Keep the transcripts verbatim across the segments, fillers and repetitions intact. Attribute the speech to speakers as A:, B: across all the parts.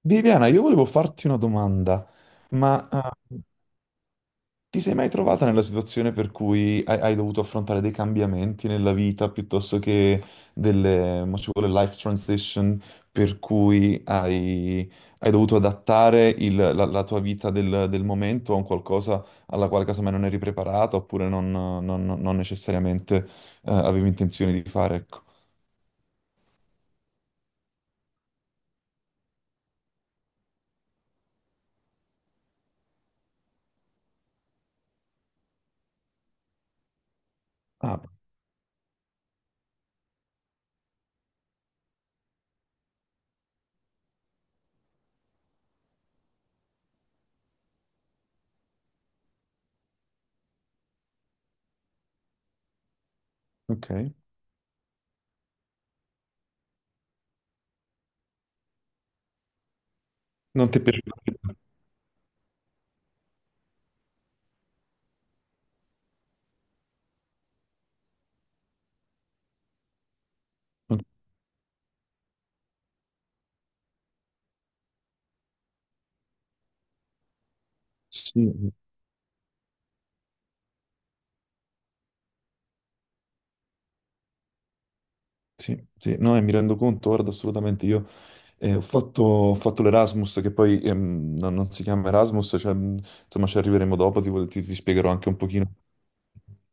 A: Viviana, io volevo farti una domanda, ma eh, ti sei mai trovata nella situazione per cui hai, hai dovuto affrontare dei cambiamenti nella vita piuttosto che delle, mo ci vuole life transition, per cui hai, hai dovuto adattare il- la, la tua vita del, del momento a un qualcosa alla quale casomai non eri preparata oppure non, non- non necessariamente eh, avevi intenzione di fare, ecco. Ah, ok. Non ti è piaciuto? Sì. Sì, sì, no, e mi rendo conto, guarda, assolutamente, io eh, ho fatto, ho fatto l'Erasmus, che poi ehm, non, non si chiama Erasmus, cioè, mh, insomma ci arriveremo dopo, ti, ti- ti spiegherò anche un pochino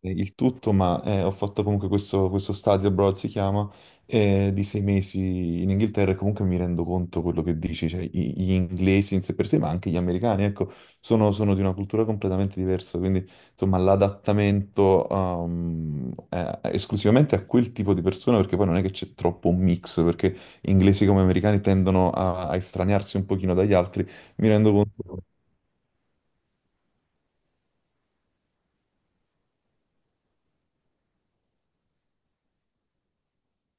A: eh, il tutto, ma eh, ho fatto comunque questo, questo stadio abroad, si chiama, eh, di sei mesi in Inghilterra e comunque mi rendo conto quello che dici, cioè i- gli inglesi in sé per sé, ma anche gli americani, ecco, sono, sono di una cultura completamente diversa, quindi insomma l'adattamento um, eh, esclusivamente a quel tipo di persona, perché poi non è che c'è troppo un mix, perché inglesi come americani tendono a, a estraniarsi un pochino dagli altri, mi rendo conto.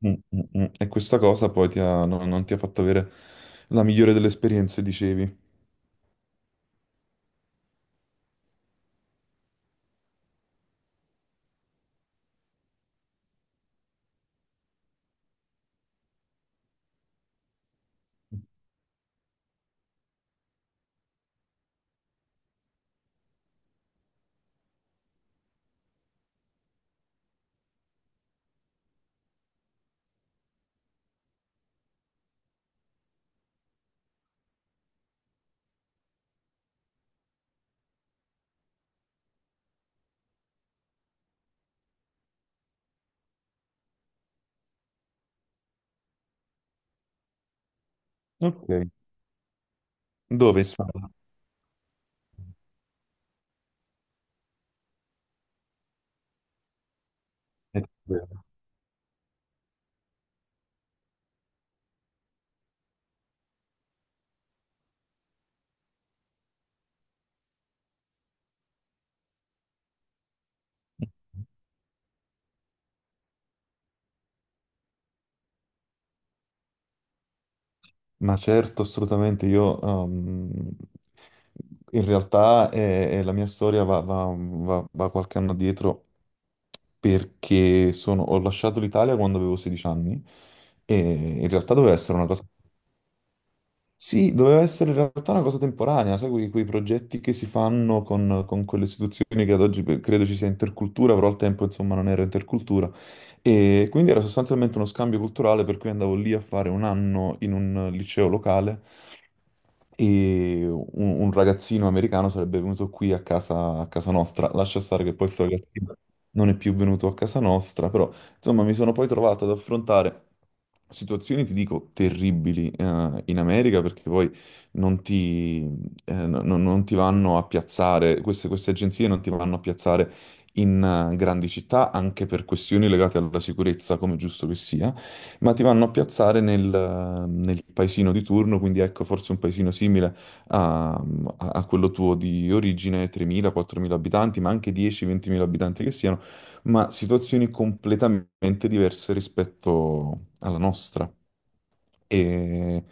A: Mm, mm, mm. E questa cosa poi ti ha- no- non ti ha fatto avere la migliore delle esperienze, dicevi. Ok. Dove in Spagna? Eh, Ma certo, assolutamente. Io, um, in realtà, eh, eh, la mia storia va, va- va- va qualche anno dietro perché sono- ho lasciato l'Italia quando avevo sedici anni e in realtà doveva essere una cosa. Sì, doveva essere in realtà una cosa temporanea, sai, quei, quei progetti che si fanno con, con quelle istituzioni che ad oggi pe- credo ci sia intercultura, però al tempo insomma non era intercultura. E quindi era sostanzialmente uno scambio culturale per cui andavo lì a fare un anno in un liceo locale e un, un ragazzino americano sarebbe venuto qui a casa, a casa nostra. Lascia stare che poi questo ragazzino non è più venuto a casa nostra, però insomma mi sono poi trovato ad affrontare situazioni, ti dico, terribili eh, in America perché poi non ti, eh, no- no- non ti vanno a piazzare, queste, queste agenzie non ti vanno a piazzare in eh, grandi città anche per questioni legate alla sicurezza, come giusto che sia, ma ti vanno a piazzare nel, eh, nel paesino di turno, quindi ecco forse un paesino simile a, a- a quello tuo di origine, tremila-quattromila abitanti, ma anche dieci ventimila abitanti che siano, ma situazioni completamente diverse rispetto alla nostra. E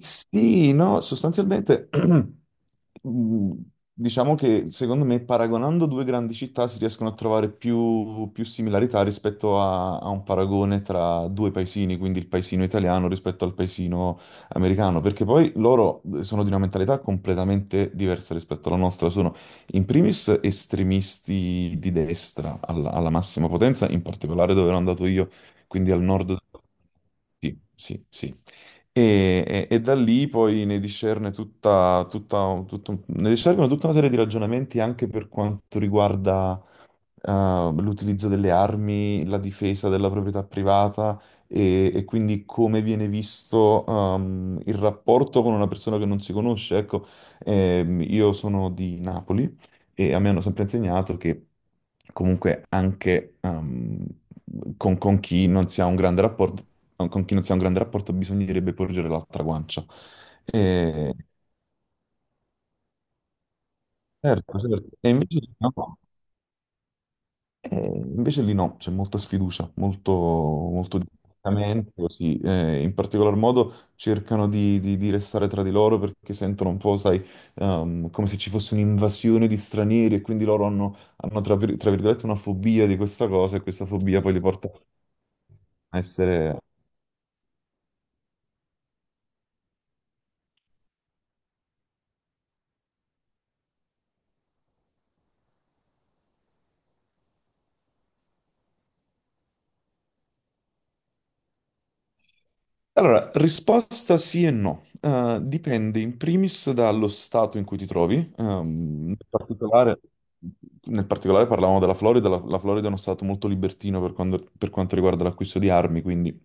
A: sì, no, sostanzialmente mm, diciamo che secondo me paragonando due grandi città si riescono a trovare più, più similarità rispetto a, a un paragone tra due paesini, quindi il paesino italiano rispetto al paesino americano, perché poi loro eh, sono di una mentalità completamente diversa rispetto alla nostra, sono in primis estremisti di destra alla, alla massima potenza, in particolare dove ero andato io, quindi al nord. Sì, sì, sì. E, e- e da lì poi ne discerne tutta, tutta, tutto- ne discernono tutta una serie di ragionamenti anche per quanto riguarda eh, l'utilizzo delle armi, la difesa della proprietà privata e, e quindi come viene visto ehm, il rapporto con una persona che non si conosce. Ecco, ehm, io sono di Napoli e a me hanno sempre insegnato che comunque anche ehm, con, con chi non si ha un grande rapporto, con chi non si ha un grande rapporto bisognerebbe porgere l'altra guancia. E, certo, certo. E invece lì no, e invece lì no, c'è molta sfiducia, molto, molto distaccamento, sì. Eh, in particolar modo cercano di, di- di restare tra di loro perché sentono un po', sai, ehm, come se ci fosse un'invasione di stranieri e quindi loro hanno, hanno tra, vir- tra virgolette una fobia di questa cosa e questa fobia poi li porta a essere. Allora, risposta sì e no. Eh, dipende in primis dallo stato in cui ti trovi. Ehm, nel particolare, nel particolare parlavamo della Florida. La, la Florida è uno stato molto libertino per, quando- per quanto riguarda l'acquisto di armi, quindi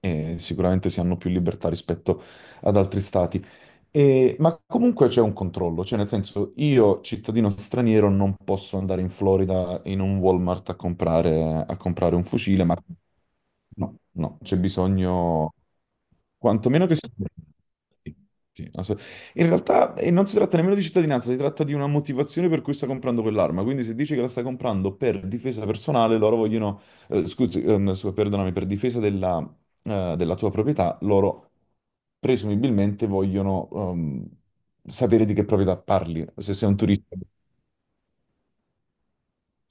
A: eh, sicuramente si hanno più libertà rispetto ad altri stati. E- ma comunque c'è un controllo, cioè nel senso io, cittadino straniero, non posso andare in Florida in un Walmart a comprare, a comprare un fucile, ma no, no, c'è bisogno, quantomeno che sia... Sì, sì, ass- in realtà eh, non si tratta nemmeno di cittadinanza, si tratta di una motivazione per cui sta comprando quell'arma, quindi se dici che la sta comprando per difesa personale, loro vogliono, eh, scusi, ehm, scusa, perdonami, per difesa della, eh, della tua proprietà, loro presumibilmente vogliono ehm, sapere di che proprietà parli, se sei un turista.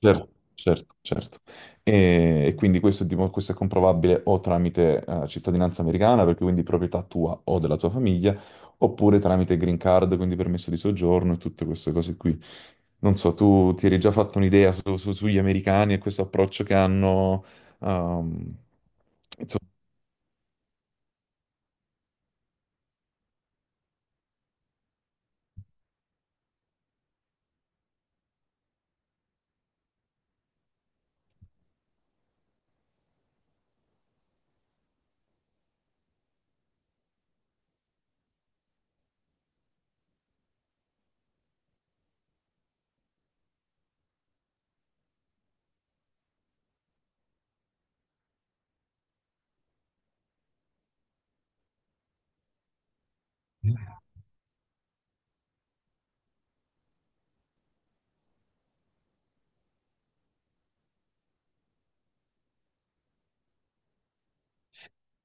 A: Certo, certo, certo. E, e quindi questo è, dimo- questo è comprovabile o tramite eh, cittadinanza americana, perché quindi proprietà tua o della tua famiglia, oppure tramite green card, quindi permesso di soggiorno e tutte queste cose qui. Non so, tu ti eri già fatto un'idea su- su- sugli americani e questo approccio che hanno, ehm, insomma.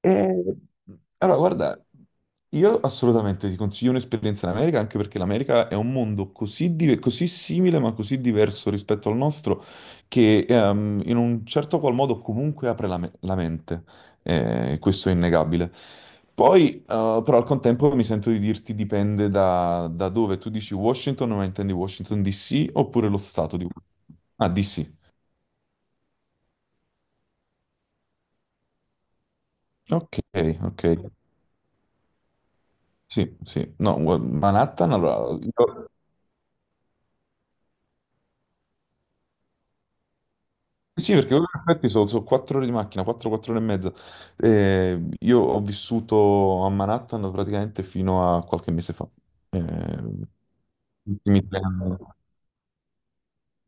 A: Eh, allora, guarda, io assolutamente ti consiglio un'esperienza in America, anche perché l'America è un mondo così, di- così simile, ma così diverso rispetto al nostro, che ehm, in un certo qual modo comunque apre la, me- la mente. Eh, questo è innegabile. Poi, eh, però, al contempo mi sento di dirti dipende da, da dove. Tu dici Washington, ma intendi Washington D C oppure lo stato di Washington? Ah, D C. Ok, ok. Sì, sì. No, Manhattan, allora... io- sì, perché in effetti sono, sono quattro ore di macchina, quattro quattro ore e mezza. Eh, io ho vissuto a Manhattan praticamente fino a qualche mese fa. Eh, gli ultimi tre anni.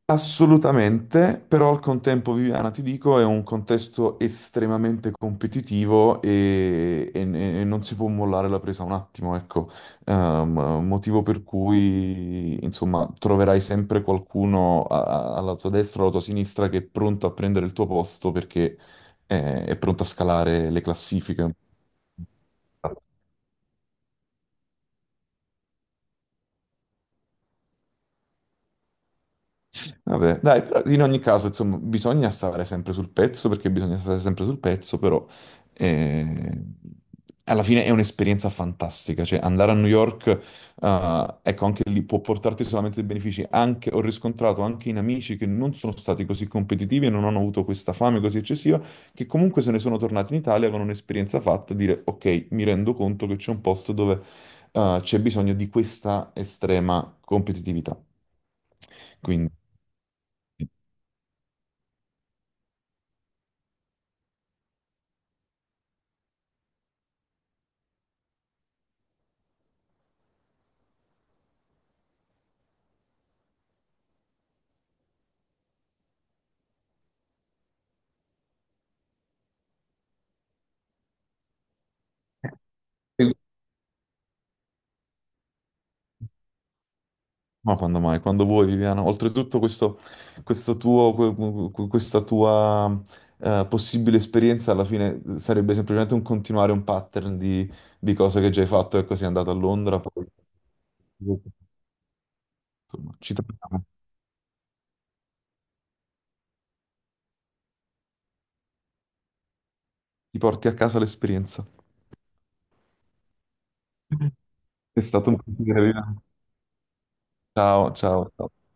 A: Assolutamente, però al contempo, Viviana, ti dico, è un contesto estremamente competitivo e, e- e non si può mollare la presa un attimo, ecco. Ehm, motivo per cui, insomma, troverai sempre qualcuno a- a- alla tua destra o alla tua sinistra che è pronto a prendere il tuo posto perché è, è pronto a scalare le classifiche. Vabbè, dai, però in ogni caso, insomma, bisogna stare sempre sul pezzo perché bisogna stare sempre sul pezzo, però eh, alla fine è un'esperienza fantastica, cioè andare a New York, eh, ecco, anche lì può portarti solamente dei benefici. Anche, ho riscontrato anche in amici che non sono stati così competitivi e non hanno avuto questa fame così eccessiva, che comunque se ne sono tornati in Italia con un'esperienza fatta, e dire, ok, mi rendo conto che c'è un posto dove eh, c'è bisogno di questa estrema competitività. Quindi... Ma quando mai? Quando vuoi, Viviana. Oltretutto, questo, questo tuo, que- que- questa tua eh, possibile esperienza alla fine sarebbe semplicemente un continuare un pattern di, di cose che già hai fatto. Ecco, sei andato a Londra, poi insomma, ci troviamo. Ti porti a casa l'esperienza. È stato un piacere, Viviana. Ciao, ciao, ciao.